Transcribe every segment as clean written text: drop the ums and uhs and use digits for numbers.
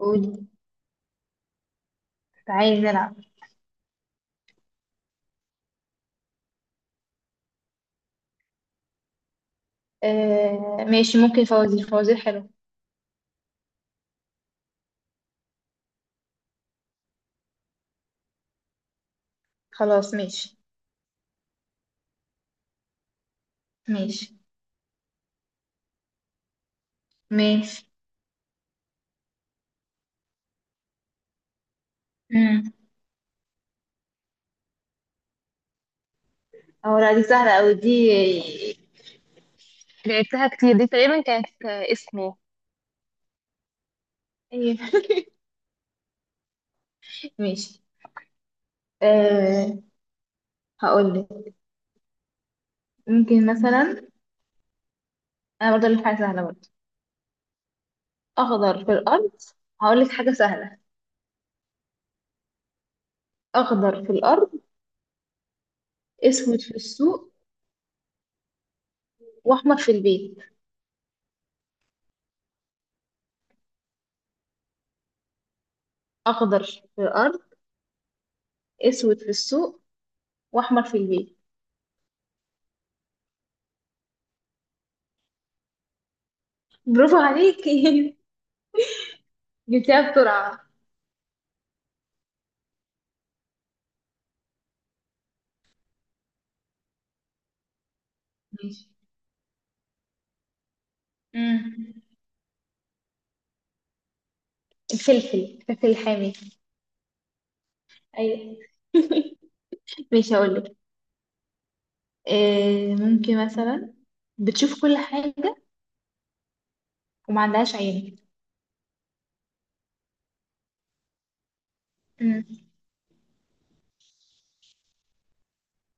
قولي. كنت عايز ألعب. آه، ماشي، ممكن فوازير. فوازير حلو. خلاص ماشي. ماشي. ماشي. امم اه، لا، دي سهلة أوي دي. لعبتها كتير، دي تقريبا كانت اسمه. أيوة. ماشي. آه هقولك. ممكن مثلا. أنا برضه أقولك حاجة سهلة برضه. أخضر في الأرض. هقولك حاجة سهلة. أخضر في الأرض، أسود في السوق، وأحمر في البيت. أخضر في الأرض، أسود في السوق، وأحمر في البيت. برافو عليكي. جبتها بسرعة. ماشي. امم الفلفل. الفلفل الحامي. ايوه. ماشي، اقول لك إيه. ممكن مثلا بتشوف كل حاجة وما عندهاش عين. امم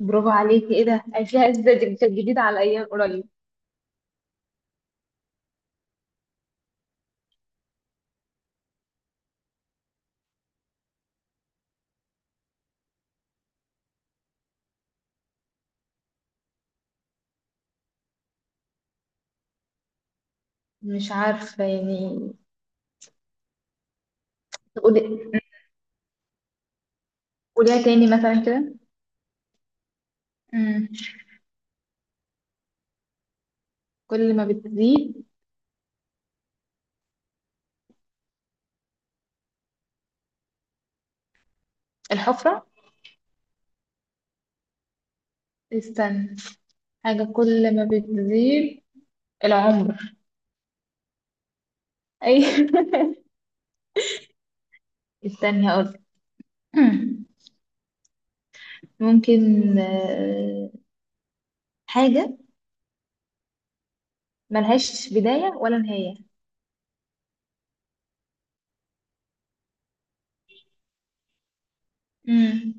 برافو عليكي. ايه ده، عايشاها ازاي؟ دي كانت جديدة على ايام قريب. مش عارفة يعني. طب قولي. قوليها تاني مثلا كده. امم كل ما بتزيد. الحفرة. استنى، حاجة كل ما بتزيد. العمر. اي. استني، اقول ممكن. حاجة ملهاش بداية ولا نهاية. مم.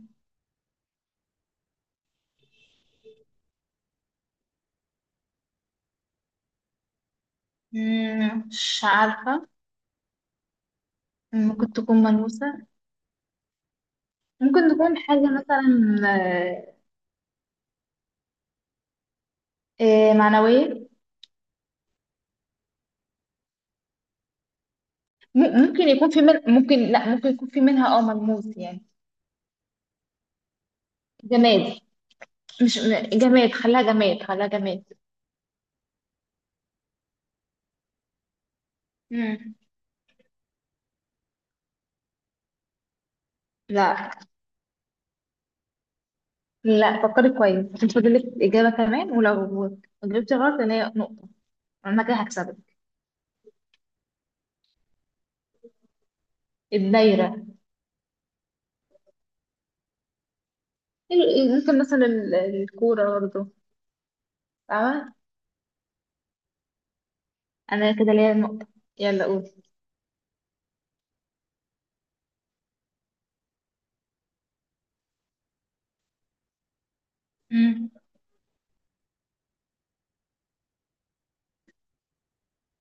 مش عارفة. ممكن تكون ملموسة. ممكن تكون حاجة مثلا معنوية. ممكن يكون في من، ممكن لا، ممكن يكون في منها ملموس يعني. جماد. مش جماد، خليها جماد، خليها جماد. مم. لا. لا، فكري كويس عشان فاضلك إجابة كمان، ولو جبتي غلط اللي هي نقطة، أنا كده هكسبك. الدايرة. ممكن مثلا الكورة برضه. فاهمة. أنا كده ليا نقطة. يلا قول. امم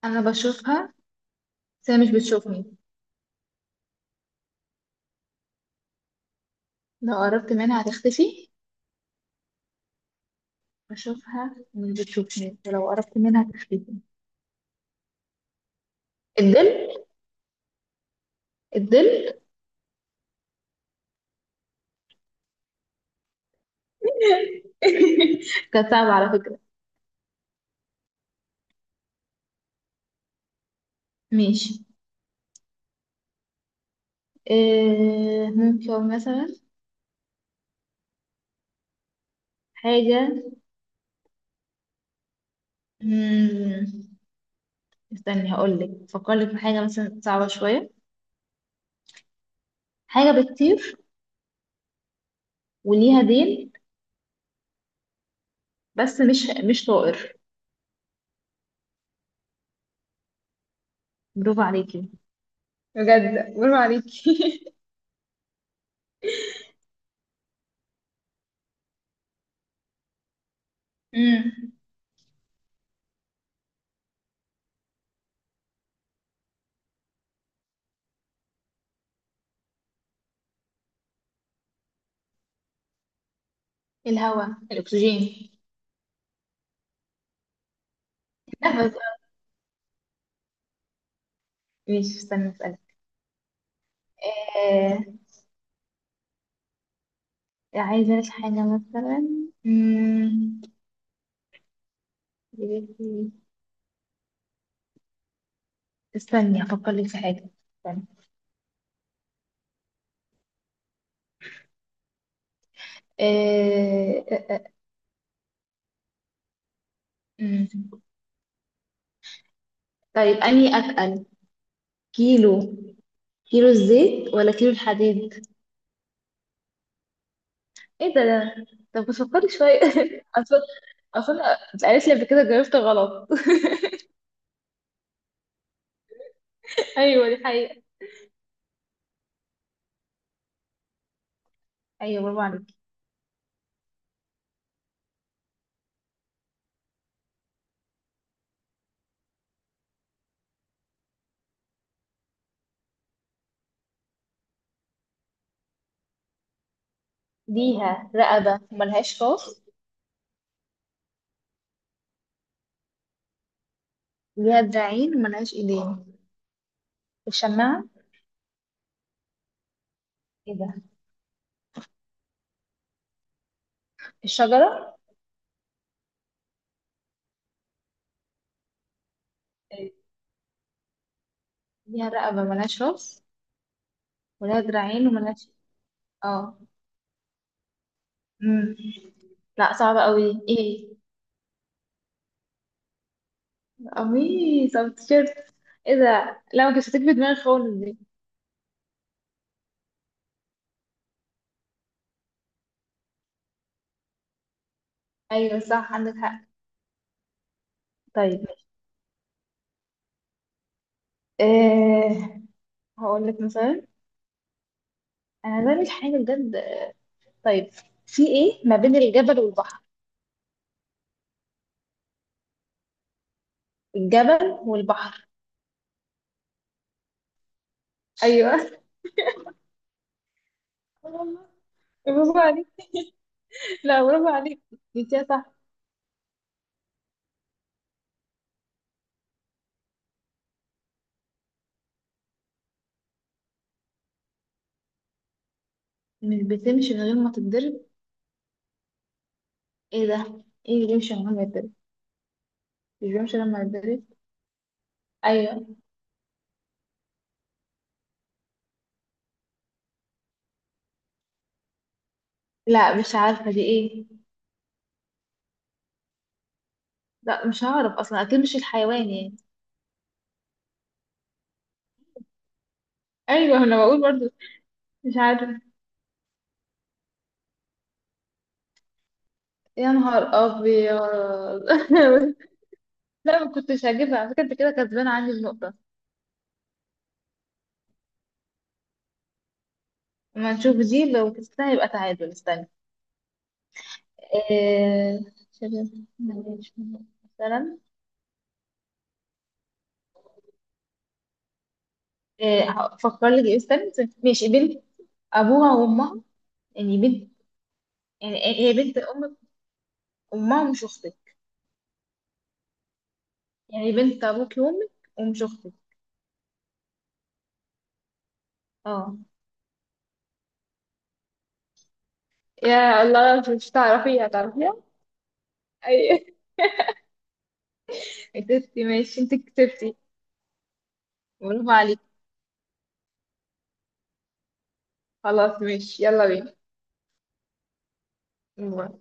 أنا بشوفها، بس هي مش بتشوفني، لو قربت منها هتختفي. بشوفها، مش بتشوفني، ولو قربت منها هتختفي. الظل. الظل. كانت صعبة على فكرة. ماشي. إيه ممكن مثلا حاجة. مم، استني هقولك، فكرلك في حاجة مثلا صعبة شوية. حاجة بتطير وليها ديل، بس مش طائر. برافو عليكي. بجد برافو عليكي. امم الهواء، الاكسجين، النفس. ماشي، استنى اسالك. آه عايزه لك حاجه مثلا. امم استني افكر لك في حاجه. استني. آه آه، آه، مم. طيب، اني اتقل؟ كيلو كيلو الزيت ولا كيلو الحديد؟ ايه ده؟ طب بس فكري شويه. اصل اصل اتقالت لي قبل كده، جاوبت غلط. ايوه، دي حقيقه. ايوه، برافو عليكي. ليها رقبة ملهاش راس. ليها دراعين ملهاش ايدين. الشماعة. ايه ده. الشجرة. إيه. ليها رقبة ملهاش راس، ولها دراعين وملهاش. اه. امم لا، صعبة قوي. ايه، قميص او تيشيرت. ايه ده، لا ما كنتش هتيجي في دماغي خالص دي. ايوه صح، عندك حق. طيب، إيه، هقول لك مثلا. انا بعمل حاجة بجد. طيب، في ايه ما بين الجبل والبحر؟ الجبل والبحر. ايوه. والله برافو عليك. لا، برافو عليك، جبتيها صح. مش بتمشي من غير ما تتضرب. ايه ده. ايه اللي بيمشي من غير ما يتضرب؟ مش بيمشي لما يتضرب. ايوه. لا، مش عارفه دي ايه. لا، مش هعرف اصلا، اكيد مش الحيوان يعني. ايوه، انا بقول برضو. مش عارفه. يا نهار ابيض. لا، ما كنتش هجيبها على فكره، انت كده كسبان عندي النقطه. اما نشوف دي، لو كسبتها يبقى تعادل. استنى. إيه، شباب، معلش. مثلا. إيه، هفكر لك. إيه، استنى استنى. ماشي، بنت ابوها وامها، يعني بنت، يعني هي بنت امك امها ومش اختك، يعني بنت ابوك وامك ومش اختك. اه. يا الله، مش تعرفيها، تعرفيها. اي. كتبتي، ماشي، انت كتبتي. برافو عليك. خلاص ماشي، يلا بينا.